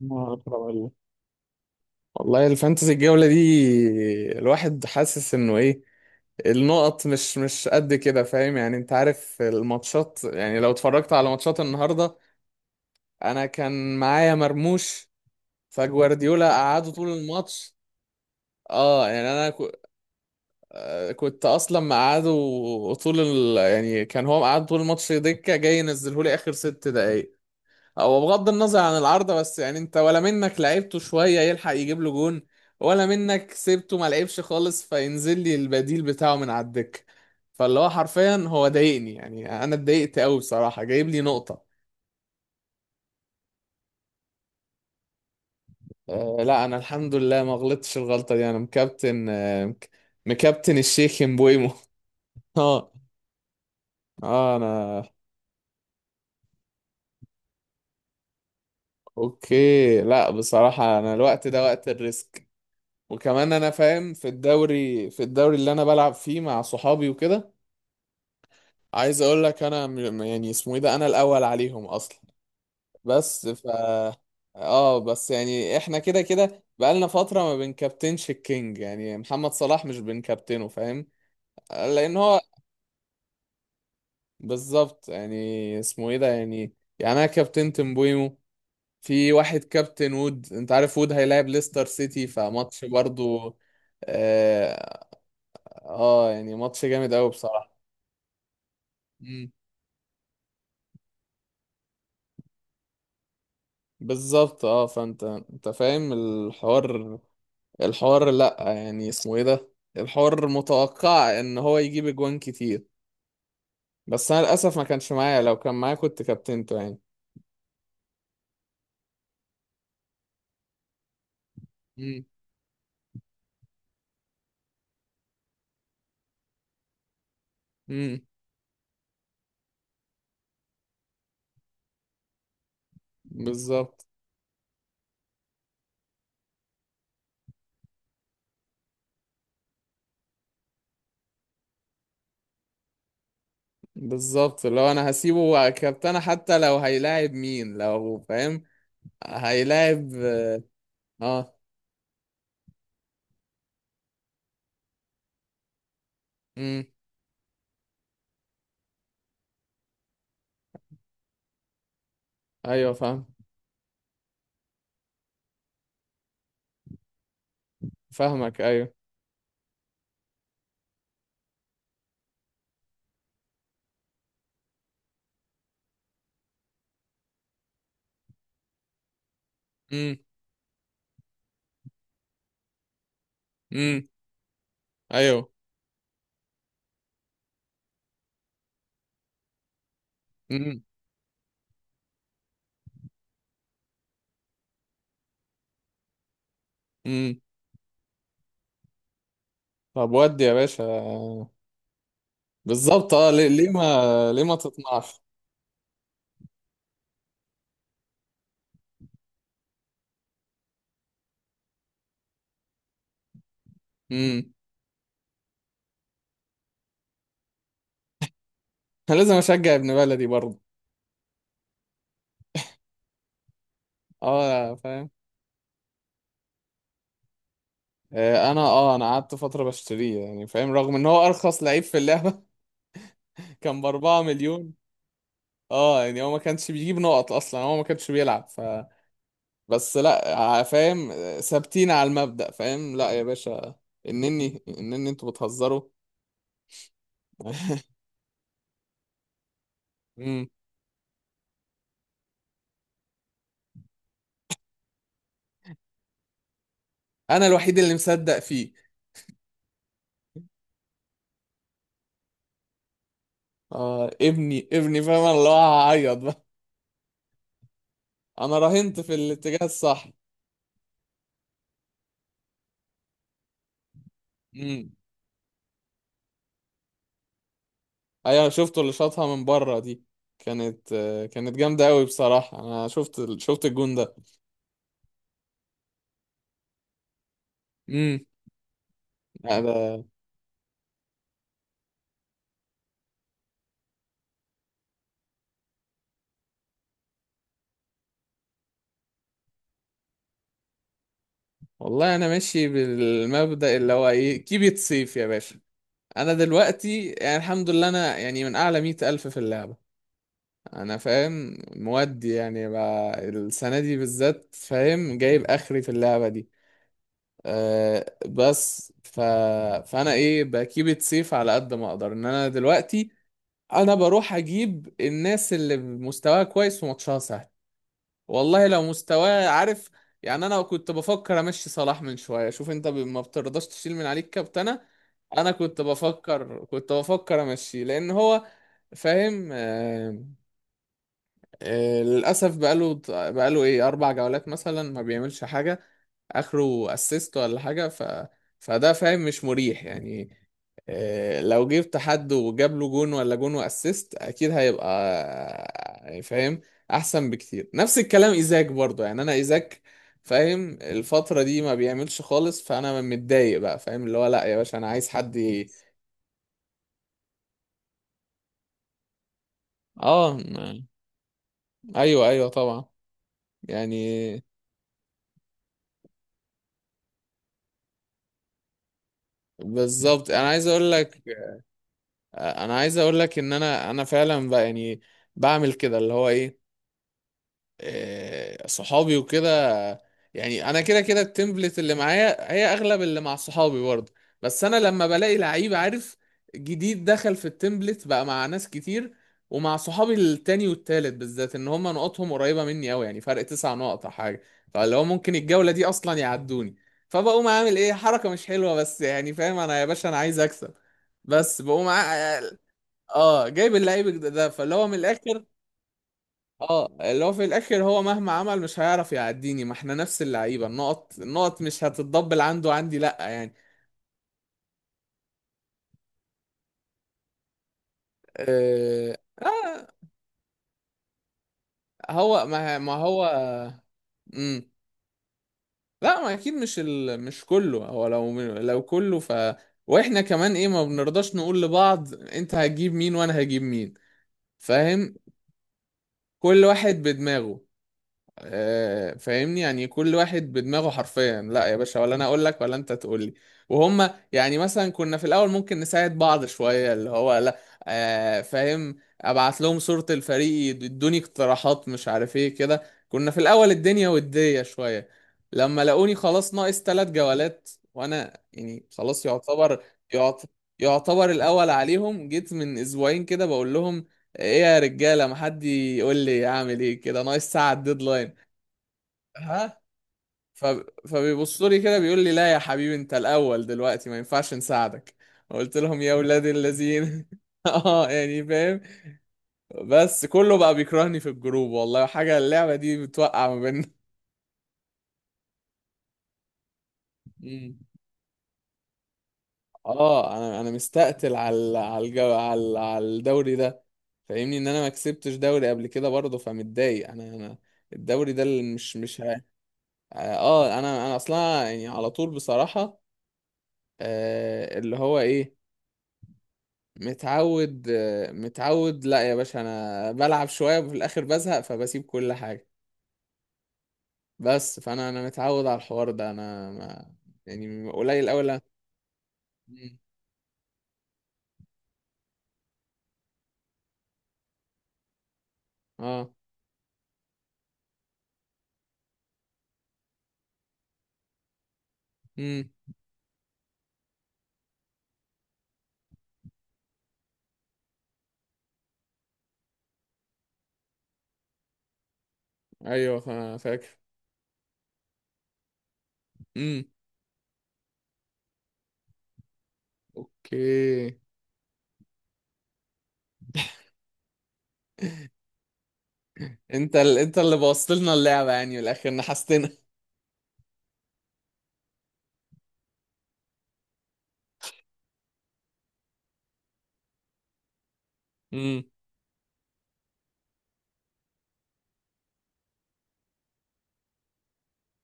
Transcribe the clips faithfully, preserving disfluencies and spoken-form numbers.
ما أقدر أقول لك. والله الفانتسي الجولة دي، الواحد حاسس انه ايه، النقط مش مش قد كده، فاهم يعني، انت عارف الماتشات، يعني لو اتفرجت على ماتشات النهاردة. انا كان معايا مرموش، فجوارديولا قعده طول الماتش. اه يعني انا كو- آه، كنت اصلا مقعده طول ال... يعني كان هو مقعد طول الماتش دكة، جاي ينزله لي اخر ست دقايق. هو بغض النظر عن العارضة، بس يعني انت ولا منك لعبته شوية يلحق يجيب له جون، ولا منك سيبته ما لعبش خالص فينزل لي البديل بتاعه من على الدكة. فاللي هو حرفيا هو ضايقني، يعني انا اتضايقت قوي بصراحة، جايب لي نقطة. أه لا، انا الحمد لله ما غلطتش الغلطة دي، انا مكابتن آه، مك- مكابتن الشيخ مبويمو اه اه انا اوكي، لا، بصراحة انا الوقت ده وقت الريسك. وكمان انا فاهم، في الدوري في الدوري اللي انا بلعب فيه مع صحابي وكده. عايز اقول لك، انا م- يعني اسمه ايه ده، انا الاول عليهم اصلا. بس ف اه بس يعني احنا كده كده بقالنا فتره ما بنكابتنش الكينج، يعني محمد صلاح مش بنكابتنه، فاهم. لان هو بالظبط يعني، اسمه ايه ده يعني يعني انا كابتنت مبويمو. في واحد كابتن وود، انت عارف وود هيلاعب ليستر سيتي فماتش برضو. اه، آه يعني ماتش جامد قوي بصراحه. مم. بالظبط، اه فانت انت فاهم الحوار، الحوار لا يعني اسمه ايه ده، الحوار متوقع ان هو يجيب اجوان كتير. بس انا للاسف ما كانش معايا، لو كان معايا كنت كابتنته يعني. امم امم بالظبط، بالظبط لو انا هسيبه كابتنه حتى لو هيلاعب مين، لو فاهم. هيلاعب. اه، امم ايوه فاهم. فاهمك ايوه. امم امم ايوه. امم امم طب ودي يا باشا. بالظبط، اه ليه ليه ما ليه ما تطمعش. امم انا لازم اشجع ابن بلدي برضه. اه فاهم. آه، انا اه انا قعدت فترة بشتريه يعني فاهم، رغم ان هو ارخص لعيب في اللعبة كان باربعة مليون. اه يعني هو ما كانش بيجيب نقط اصلا، هو ما كانش بيلعب ف بس لا، ع- فاهم، آه، ثابتين على المبدأ، فاهم، لا يا باشا. انني انني انتوا بتهزروا مم. انا الوحيد اللي مصدق فيه. اه، ابني ابني، فاهم، أنا اللي هو هعيط بقى. انا راهنت في الاتجاه الصح. ايوه شفته اللي شاطها من بره دي، كانت آه، كانت جامده قوي بصراحه. انا شفت ال- شفت الجون ده. امم انا والله انا ماشي بالمبدأ اللي هو ايه، كيب ات سيف يا باشا. انا دلوقتي يعني الحمد لله انا يعني من اعلى مئة الف في اللعبه. انا فاهم مودي، يعني بقى السنه دي بالذات فاهم، جايب اخري في اللعبه دي. أه بس ف... فانا ايه بكيب ات سيف على قد ما اقدر، ان انا دلوقتي انا بروح اجيب الناس اللي مستواها كويس وماتشها سهل. والله لو مستواه عارف يعني. انا كنت بفكر امشي صلاح من شويه، شوف انت ب- ما بترضاش تشيل من عليك كابتنه. انا كنت بفكر كنت بفكر امشي لان هو فاهم، آه آه للاسف بقاله بقاله ايه اربع جولات مثلا ما بيعملش حاجه، اخره اسيست ولا حاجه ف فده فاهم مش مريح يعني. آه، لو جبت حد وجاب له جون ولا جون واسيست، اكيد هيبقى آه، يعني فاهم احسن بكتير. نفس الكلام ايزاك برضه، يعني انا ايزاك فاهم الفترة دي ما بيعملش خالص، فانا متضايق بقى فاهم، اللي هو لا يا باشا، انا عايز حد ي- اه، م- ايوه ايوه طبعا. يعني بالظبط، انا عايز اقول لك انا عايز اقول لك، ان انا انا فعلا بقى، يعني بعمل كده اللي هو ايه. آه، صحابي وكده، يعني انا كده كده التمبلت اللي معايا هي اغلب اللي مع صحابي برضه. بس انا لما بلاقي لعيب عارف، جديد دخل في التمبلت بقى مع ناس كتير، ومع صحابي التاني والتالت بالذات، ان هم نقطهم قريبة مني قوي، يعني فرق تسع نقط او حاجة. فاللي هو ممكن الجولة دي اصلا يعدوني. فبقوم عامل ايه حركة مش حلوة، بس يعني فاهم انا يا باشا انا عايز اكسب. بس بقوم ع- اه جايب اللعيب ده، فاللي هو من الاخر. اه اللي هو في الاخر هو مهما عمل مش هيعرف يعديني، ما احنا نفس اللعيبه، النقط النقط مش هتتضبل عنده عندي، لا يعني. آه آه، هو ما ما هو. امم لا ما اكيد، مش ال... مش كله، هو لو لو كله ف واحنا كمان ايه ما بنرضاش نقول لبعض انت هتجيب مين وانا هجيب مين، فاهم. كل واحد بدماغه. آه، فاهمني يعني كل واحد بدماغه حرفيا، لا يا باشا، ولا انا اقول لك ولا انت تقول لي. وهم يعني مثلا كنا في الاول ممكن نساعد بعض شوية، اللي هو لا. آه، فاهم، ابعت لهم صورة الفريق يدوني اقتراحات، مش عارف ايه كده. كنا في الاول الدنيا ودية شوية، لما لقوني خلاص ناقص ثلاث جولات، وانا يعني خلاص يعتبر، يعت- يعتبر الاول عليهم، جيت من اسبوعين كده بقول لهم ايه يا رجاله، ما حد يقول لي اعمل ايه كده ناقص ساعه الديدلاين. ها. ف... فبيبصوا لي كده بيقول لي لا يا حبيبي، انت الاول دلوقتي، ما ينفعش نساعدك. قلت لهم يا ولاد الذين اه يعني فاهم. بس كله بقى بيكرهني في الجروب، والله حاجة اللعبة دي بتوقع ما بيننا. مم. اه انا انا مستقتل على ال- على الجو... على ال- على الدوري ده. فاهمني ان انا ما كسبتش دوري قبل كده برضه، فمتضايق انا انا. الدوري ده اللي مش مش ه- اه انا انا اصلا يعني على طول بصراحة. آه اللي هو ايه، متعود. متعود، لا يا باشا، انا بلعب شويه وفي الاخر بزهق فبسيب كل حاجه. بس فانا انا متعود على الحوار ده، انا ما يعني قليل قوي لا. مم. اه. امم ايوه فا- فاكر. امم اوكي. انت ال... انت اللي بوظت لنا اللعبه، يعني من الاخر نحستنا. امم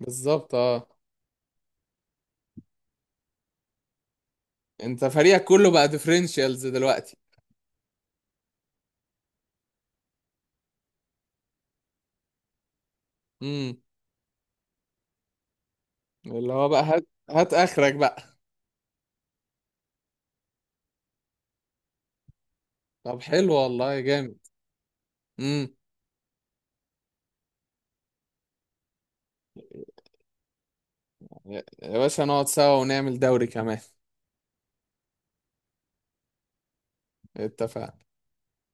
بالظبط اه انت فريقك كله بقى ديفرنشيالز دلوقتي. امم اللي هو بقى، هات هات اخرك بقى. طب حلو والله جامد. يا يا باشا نقعد سوا ونعمل دوري كمان. اتفقنا.